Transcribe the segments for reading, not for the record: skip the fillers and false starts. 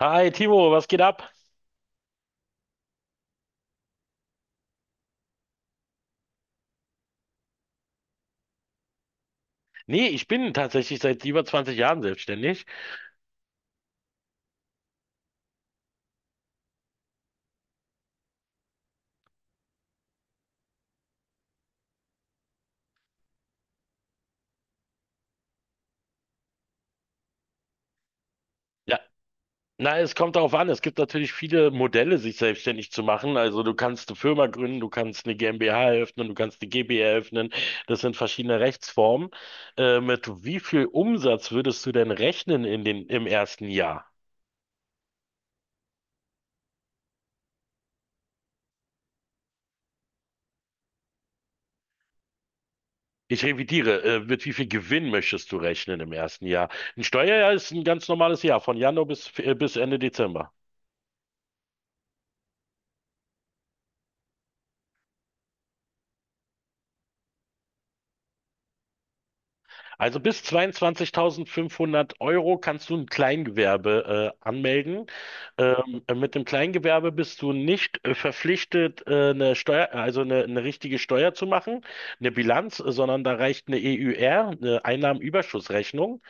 Hi Timo, was geht ab? Nee, ich bin tatsächlich seit über 20 Jahren selbstständig. Ja, na, es kommt darauf an. Es gibt natürlich viele Modelle, sich selbstständig zu machen. Also du kannst eine Firma gründen, du kannst eine GmbH eröffnen, du kannst eine GbR eröffnen. Das sind verschiedene Rechtsformen. Mit wie viel Umsatz würdest du denn rechnen im ersten Jahr? Ich revidiere, mit wie viel Gewinn möchtest du rechnen im ersten Jahr? Ein Steuerjahr ist ein ganz normales Jahr, von Januar bis Ende Dezember. Also bis 22.500 Euro kannst du ein Kleingewerbe anmelden. Mit dem Kleingewerbe bist du nicht verpflichtet, eine Steuer, also eine richtige Steuer zu machen, eine Bilanz, sondern da reicht eine EÜR, eine Einnahmenüberschussrechnung.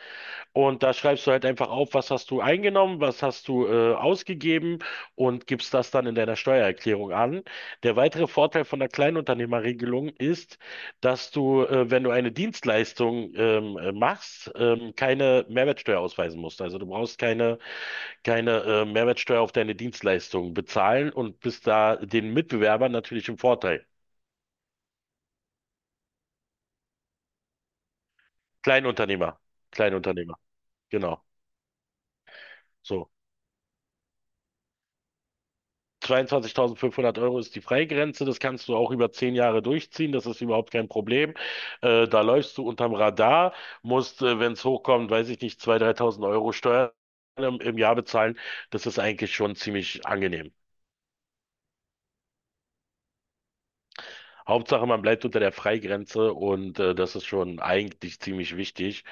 Und da schreibst du halt einfach auf, was hast du eingenommen, was hast du ausgegeben und gibst das dann in deiner Steuererklärung an. Der weitere Vorteil von der Kleinunternehmerregelung ist, dass du, wenn du eine Dienstleistung machst, keine Mehrwertsteuer ausweisen musst. Also du brauchst keine Mehrwertsteuer auf deine Dienstleistung bezahlen und bist da den Mitbewerbern natürlich im Vorteil. Kleinunternehmer, Kleinunternehmer, genau. So. 22.500 Euro ist die Freigrenze, das kannst du auch über 10 Jahre durchziehen, das ist überhaupt kein Problem. Da läufst du unterm Radar, musst, wenn es hochkommt, weiß ich nicht, 2.000, 3.000 Euro Steuern im Jahr bezahlen. Das ist eigentlich schon ziemlich angenehm. Hauptsache, man bleibt unter der Freigrenze und das ist schon eigentlich ziemlich wichtig.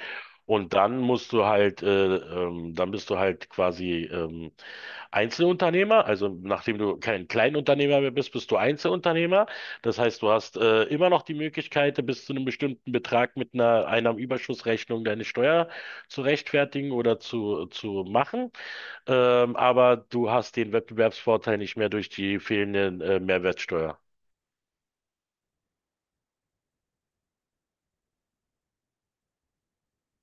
Dann bist du halt quasi Einzelunternehmer. Also nachdem du kein Kleinunternehmer mehr bist, bist du Einzelunternehmer. Das heißt, du hast immer noch die Möglichkeit, bis zu einem bestimmten Betrag mit einer Einnahmenüberschussrechnung deine Steuer zu rechtfertigen oder zu machen. Aber du hast den Wettbewerbsvorteil nicht mehr durch die fehlenden Mehrwertsteuer.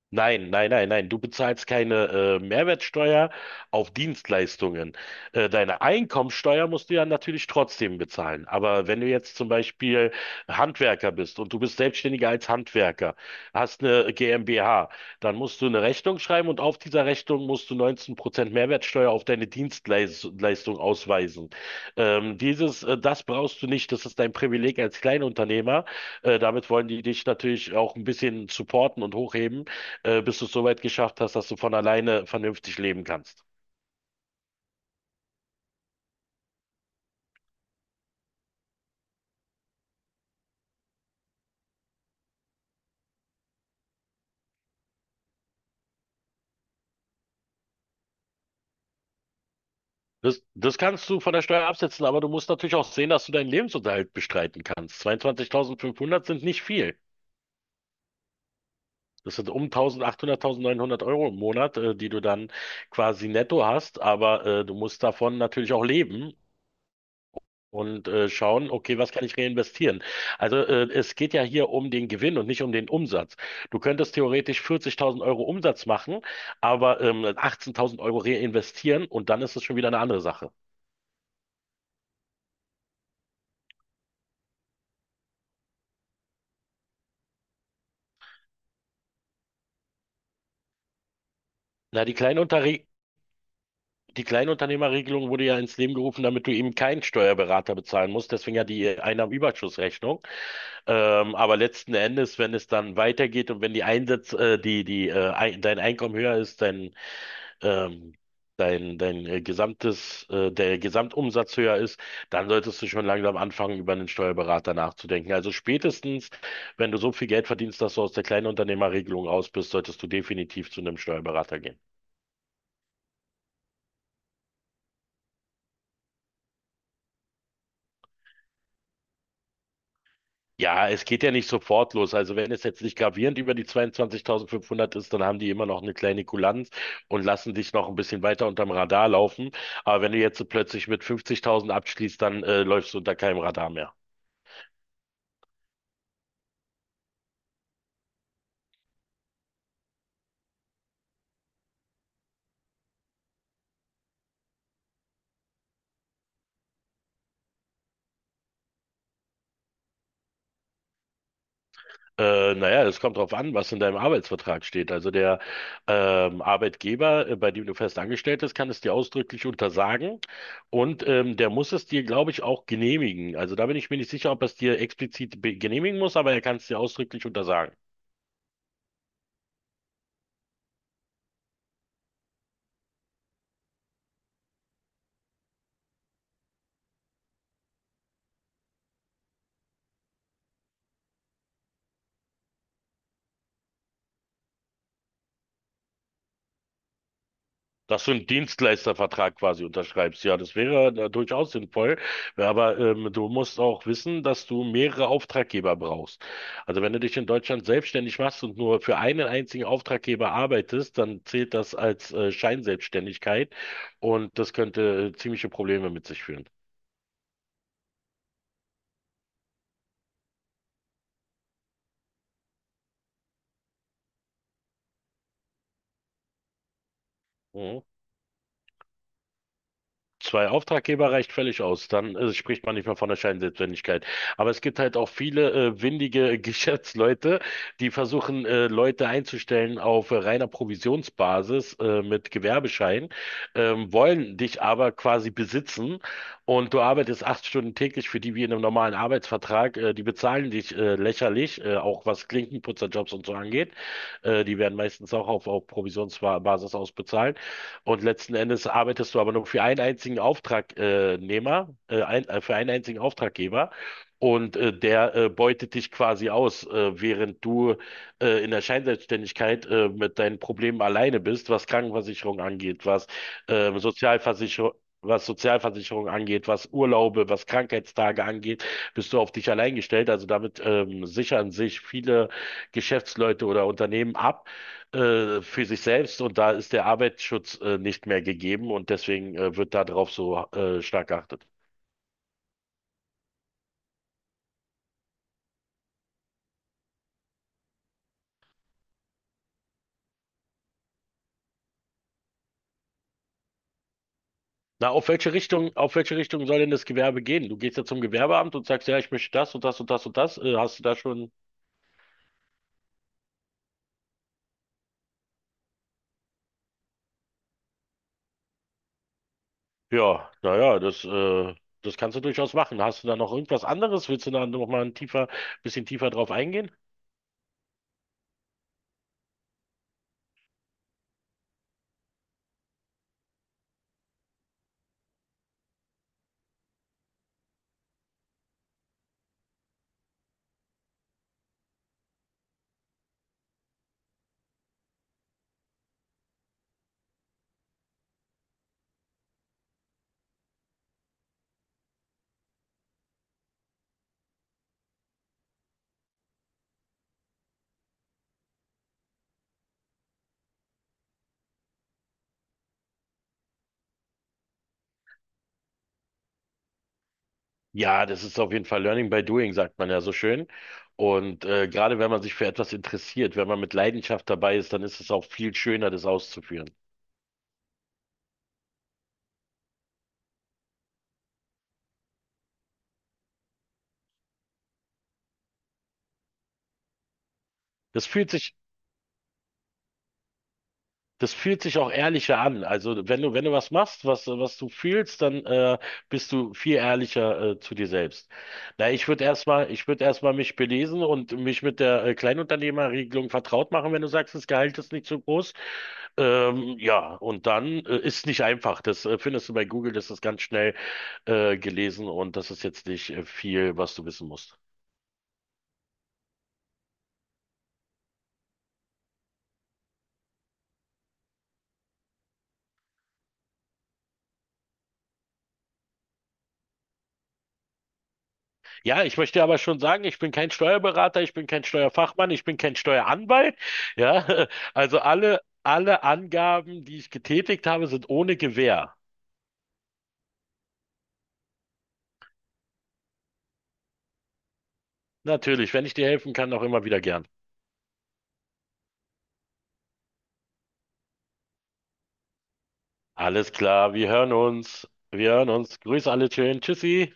Nein, nein, nein, nein. Du bezahlst keine Mehrwertsteuer auf Dienstleistungen. Deine Einkommensteuer musst du ja natürlich trotzdem bezahlen. Aber wenn du jetzt zum Beispiel Handwerker bist und du bist Selbstständiger als Handwerker, hast eine GmbH, dann musst du eine Rechnung schreiben und auf dieser Rechnung musst du 19% Mehrwertsteuer auf deine Dienstleistung ausweisen. Das brauchst du nicht. Das ist dein Privileg als Kleinunternehmer. Damit wollen die dich natürlich auch ein bisschen supporten und hochheben bis du es so weit geschafft hast, dass du von alleine vernünftig leben kannst. Das kannst du von der Steuer absetzen, aber du musst natürlich auch sehen, dass du deinen Lebensunterhalt bestreiten kannst. 22.500 sind nicht viel. Das sind um 1.800, 1.900 Euro im Monat, die du dann quasi netto hast, aber du musst davon natürlich auch leben und schauen, okay, was kann ich reinvestieren? Also es geht ja hier um den Gewinn und nicht um den Umsatz. Du könntest theoretisch 40.000 Euro Umsatz machen, aber 18.000 Euro reinvestieren und dann ist es schon wieder eine andere Sache. Na, die Kleinunterre die Kleinunternehmerregelung wurde ja ins Leben gerufen, damit du eben keinen Steuerberater bezahlen musst. Deswegen ja die Einnahmenüberschussrechnung. Aber letzten Endes, wenn es dann weitergeht und wenn die Einsätze dein Einkommen höher ist, ähm, der Gesamtumsatz höher ist, dann solltest du schon langsam anfangen, über einen Steuerberater nachzudenken. Also spätestens, wenn du so viel Geld verdienst, dass du aus der Kleinunternehmerregelung raus bist, solltest du definitiv zu einem Steuerberater gehen. Ja, es geht ja nicht sofort los. Also wenn es jetzt nicht gravierend über die 22.500 ist, dann haben die immer noch eine kleine Kulanz und lassen dich noch ein bisschen weiter unterm Radar laufen. Aber wenn du jetzt so plötzlich mit 50.000 abschließt, dann läufst du unter keinem Radar mehr. Naja, es kommt drauf an, was in deinem Arbeitsvertrag steht. Also der Arbeitgeber, bei dem du fest angestellt bist, kann es dir ausdrücklich untersagen und der muss es dir, glaube ich, auch genehmigen. Also da bin ich mir nicht sicher, ob er es dir explizit genehmigen muss, aber er kann es dir ausdrücklich untersagen. Dass du einen Dienstleistervertrag quasi unterschreibst, ja, das wäre durchaus sinnvoll. Ja, aber du musst auch wissen, dass du mehrere Auftraggeber brauchst. Also wenn du dich in Deutschland selbstständig machst und nur für einen einzigen Auftraggeber arbeitest, dann zählt das als Scheinselbstständigkeit und das könnte ziemliche Probleme mit sich führen. Mhm. Zwei Auftraggeber reicht völlig aus. Dann spricht man nicht mehr von der Scheinselbstständigkeit. Aber es gibt halt auch viele windige Geschäftsleute, die versuchen, Leute einzustellen auf reiner Provisionsbasis mit Gewerbeschein, wollen dich aber quasi besitzen und du arbeitest 8 Stunden täglich für die wie in einem normalen Arbeitsvertrag. Die bezahlen dich lächerlich, auch was Klinkenputzerjobs und so angeht. Die werden meistens auch auf Provisionsbasis ausbezahlt. Und letzten Endes arbeitest du aber nur für einen einzigen Auftragnehmer, für einen einzigen Auftraggeber. Der beutet dich quasi aus, während du in der Scheinselbstständigkeit mit deinen Problemen alleine bist, was Krankenversicherung angeht, äh, Sozialversicherung, was Sozialversicherung angeht, was Urlaube, was Krankheitstage angeht, bist du auf dich allein gestellt. Also damit sichern sich viele Geschäftsleute oder Unternehmen ab für sich selbst und da ist der Arbeitsschutz nicht mehr gegeben und deswegen wird darauf so stark geachtet. Na, auf welche Richtung soll denn das Gewerbe gehen? Du gehst ja zum Gewerbeamt und sagst, ja, ich möchte das und das und das und das. Hast du da schon? Ja, naja, das kannst du durchaus machen. Hast du da noch irgendwas anderes? Willst du da noch mal bisschen tiefer drauf eingehen? Ja, das ist auf jeden Fall Learning by Doing, sagt man ja so schön. Und gerade wenn man sich für etwas interessiert, wenn man mit Leidenschaft dabei ist, dann ist es auch viel schöner, das auszuführen. Das fühlt sich, das fühlt sich auch ehrlicher an. Also wenn du was machst, was du fühlst, dann bist du viel ehrlicher zu dir selbst. Na, ich würde erstmal mich belesen und mich mit der Kleinunternehmerregelung vertraut machen, wenn du sagst, das Gehalt ist nicht so groß. Ja, und dann ist nicht einfach. Das findest du bei Google, das ist ganz schnell gelesen und das ist jetzt nicht viel, was du wissen musst. Ja, ich möchte aber schon sagen, ich bin kein Steuerberater, ich bin kein Steuerfachmann, ich bin kein Steueranwalt. Ja, also alle Angaben, die ich getätigt habe, sind ohne Gewähr. Natürlich, wenn ich dir helfen kann, auch immer wieder gern. Alles klar, wir hören uns. Wir hören uns. Grüß alle schön. Tschüssi.